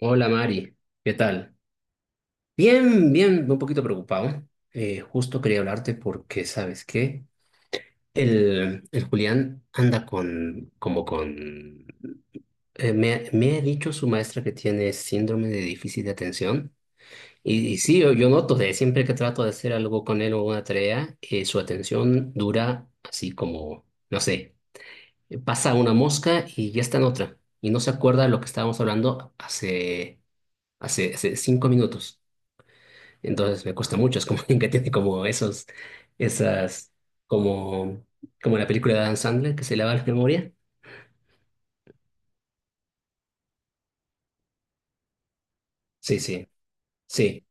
Hola Mari, ¿qué tal? Bien, bien, un poquito preocupado. Justo quería hablarte porque, ¿sabes qué? El Julián anda me ha dicho su maestra que tiene síndrome de déficit de atención. Y sí, yo noto de siempre que trato de hacer algo con él o una tarea, su atención dura así como, no sé, pasa una mosca y ya está en otra. Y no se acuerda de lo que estábamos hablando hace 5 minutos. Entonces me cuesta mucho, es como alguien que tiene como esos, esas, como, como la película de Adam Sandler que se lava la memoria. Sí, sí, sí.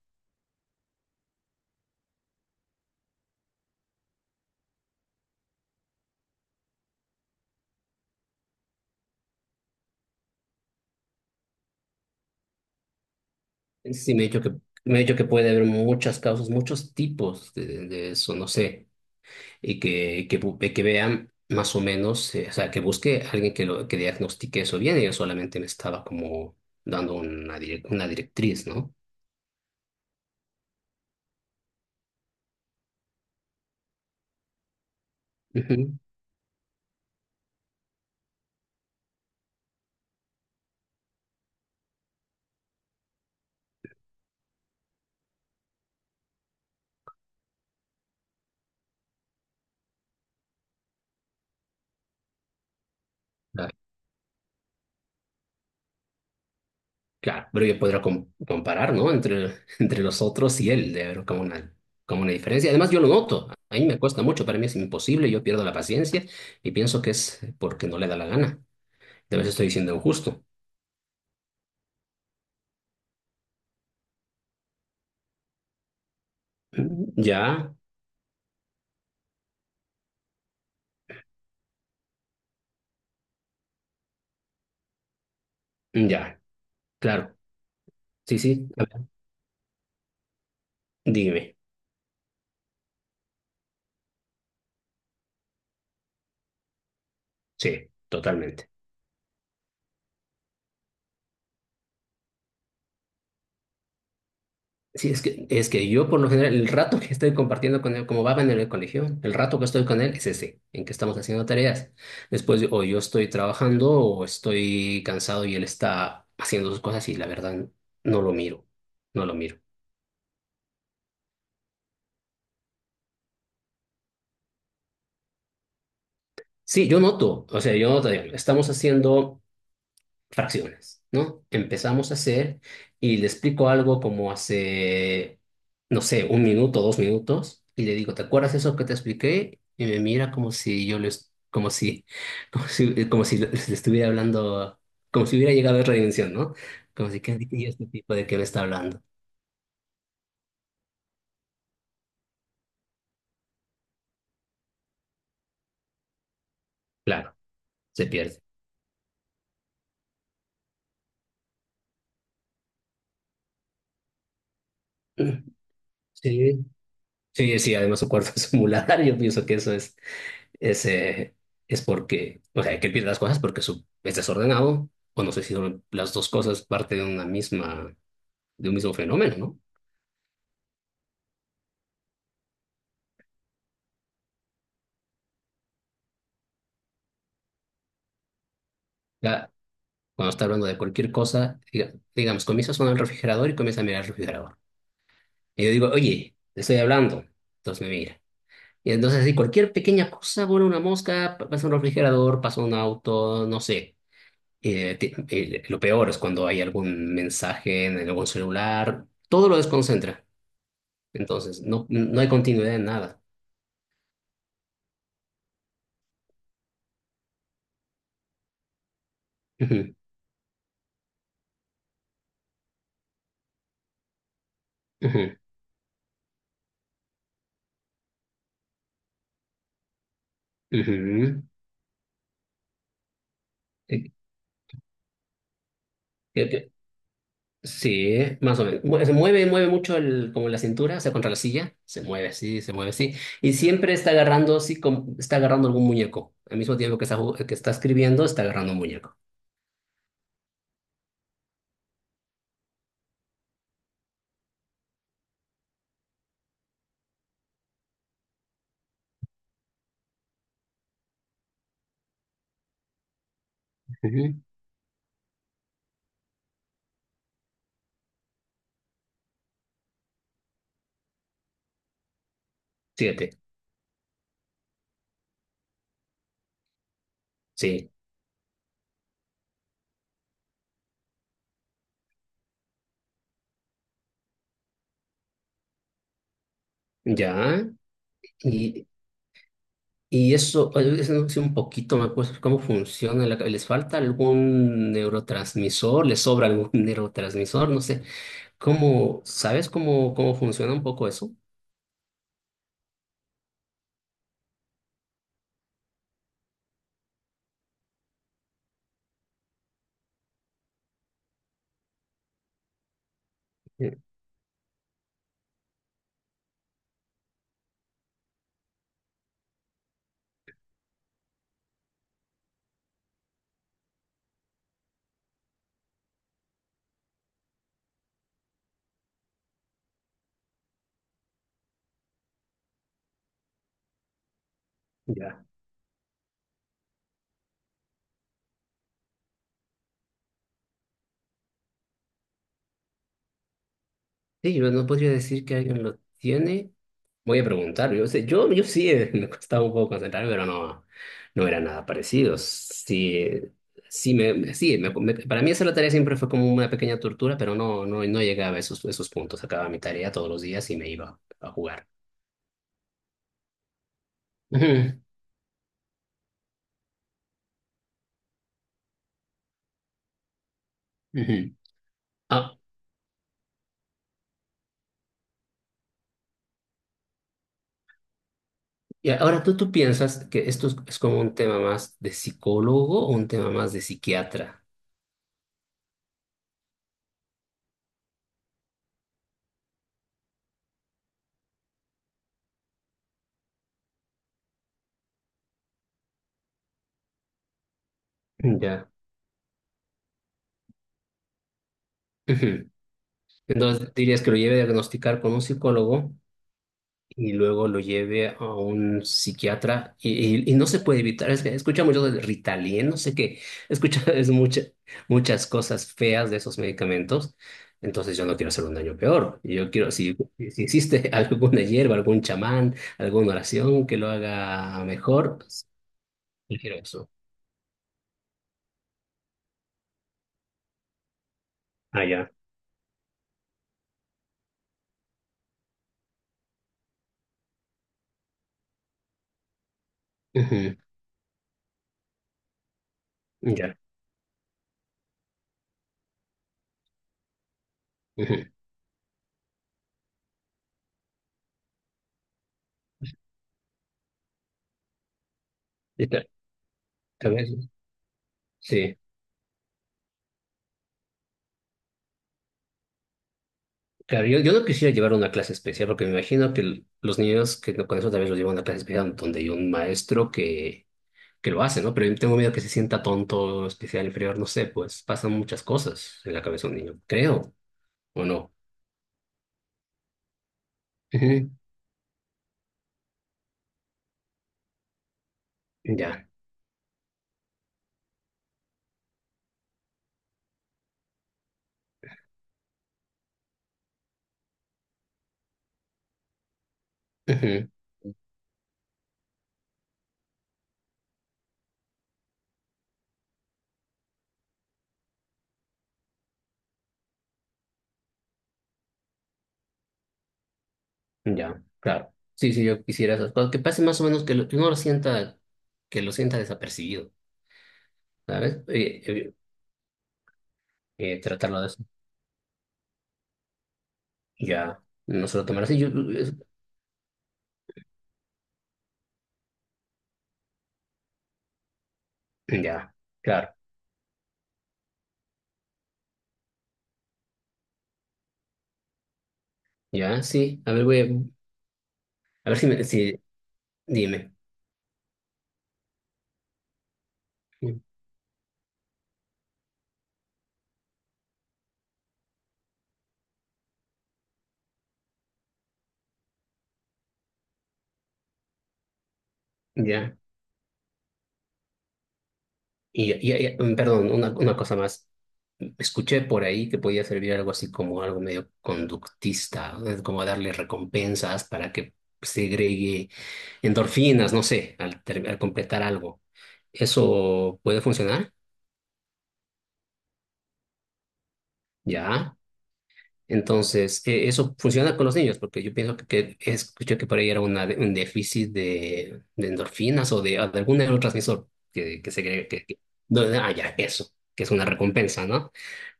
Sí, me ha dicho que puede haber muchas causas, muchos tipos de eso, no sé. Y que vean más o menos, o sea, que busque a alguien que diagnostique eso bien. Y yo solamente me estaba como dando una directriz, ¿no? Ujú. Claro, pero yo podría comparar, ¿no? Entre los otros y él, de ver como una diferencia. Además, yo lo noto. A mí me cuesta mucho, para mí es imposible, yo pierdo la paciencia y pienso que es porque no le da la gana. De vez estoy siendo injusto. Ya, ya, claro. Sí, sí, a ver, dime. Sí, totalmente. Sí, es que yo por lo general, el rato que estoy compartiendo con él, como va en el colegio, el rato que estoy con él es ese, en que estamos haciendo tareas. Después o yo estoy trabajando o estoy cansado y él está haciendo sus cosas y la verdad no lo miro, no lo miro. Sí, yo noto, o sea, yo noto, digamos, estamos haciendo fracciones, ¿no? Empezamos a hacer y le explico algo como hace, no sé, 1 minuto, 2 minutos, y le digo, ¿te acuerdas eso que te expliqué? Y me mira como si yo le, es- como si, como si le estuviera hablando, como si hubiera llegado a otra dimensión, ¿no? Como si, ¿qué y este tipo de que me está hablando? Claro, se pierde. Sí, sí, sí, además su cuerpo es un muladar, yo pienso que eso es. Es, eh, es porque, o sea, que él pierde las cosas porque es desordenado, o no sé si son las dos cosas parte de un mismo fenómeno, ¿no? Ya, cuando está hablando de cualquier cosa, digamos, comienza a sonar el refrigerador y comienza a mirar el refrigerador. Y yo digo, oye, te estoy hablando. Entonces me mira. Y entonces, así, cualquier pequeña cosa, vuela una mosca, pasa un refrigerador, pasa un auto, no sé. Lo peor es cuando hay algún mensaje en algún celular, todo lo desconcentra. Entonces, no, no hay continuidad en nada. Ujú, ujú, ujú. Eh, eh, eh, Sí, más o menos. Se mueve mucho como la cintura, o sea, contra la silla. Se mueve así, se mueve así. Y siempre está agarrando así, está agarrando algún muñeco. Al mismo tiempo que está escribiendo, está agarrando un muñeco. Ujú. Siete, sí, ya. Y, y eso no sé un poquito, me acuerdo cómo funciona. ¿Les falta algún neurotransmisor? ¿Les sobra algún neurotransmisor? No sé. ¿Sabes cómo funciona un poco eso? Eh, Ya. Sí, yo no podría decir que alguien lo tiene. Voy a preguntar. Yo sé, yo sí me costaba un poco concentrarme, pero no, no era nada parecido. Sí, sí, para mí hacer la tarea siempre fue como una pequeña tortura, pero no, no, no llegaba a esos puntos. Acababa mi tarea todos los días y me iba a jugar. Ujú, ujú. Ah, y ahora tú piensas que esto es como un tema más de psicólogo o un tema más de psiquiatra. Ya. Ujú. Entonces, dirías que lo lleve a diagnosticar con un psicólogo y luego lo lleve a un psiquiatra y no se puede evitar. Es que escuchamos yo del Ritalin, no sé qué. Escucha, es muchas cosas feas de esos medicamentos. Entonces, yo no quiero hacer un daño peor. Yo quiero, si, si existe alguna hierba, algún chamán, alguna oración que lo haga mejor, prefiero eso. Ah, ya. Ujú. Ya. Ujú. Y tal vez, sí. Claro, yo no quisiera llevar una clase especial porque me imagino que los niños que no- con eso también los llevan a una clase especial donde hay un maestro que lo hace, ¿no? Pero yo tengo miedo que se sienta tonto, especial, inferior, no sé, pues pasan muchas cosas en la cabeza de un niño, creo, ¿o no? Ujú, ya, ujú, ya, claro. Sí, sí, yo quisiera esas cosas, que pase más o menos que uno lo sienta, que lo sienta desapercibido, ¿sabes? Tratarlo de eso. Ya, no se lo tomará así, es- ya, claro, ya, sí, a ver, a ver si, dime. Ya. Perdón, una cosa más. Escuché por ahí que podía servir algo así como algo medio conductista, ¿no? Es como darle recompensas para que segregue endorfinas, no sé, al completar algo. ¿Eso puede funcionar? Ya. Entonces, eso funciona con los niños, porque yo pienso que escuché que por ahí era un déficit de endorfinas o de algún neurotransmisor que se cree que. Ah, ya, eso, que es una recompensa, ¿no?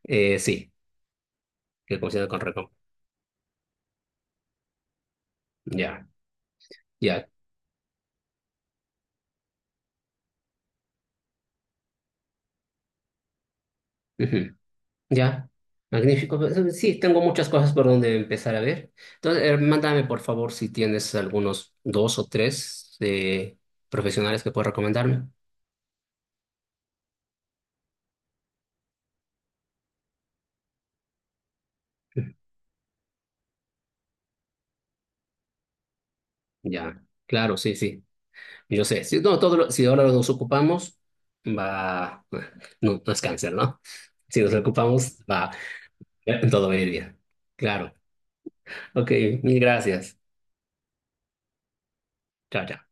Sí, que funciona con recompensa. Ya, ya. Ujú, ya. Magnífico. Pues, sí, tengo muchas cosas por donde empezar a ver. Entonces, mándame por favor si tienes algunos dos o tres profesionales que puedas recomendarme. Ya, claro, sí, sí. Yo sé, si, no, si ahora nos ocupamos, va, no, no es cáncer, ¿no? Si nos ocupamos, va, todo va a ir bien. Claro. Ok, mil gracias. Chao, chao.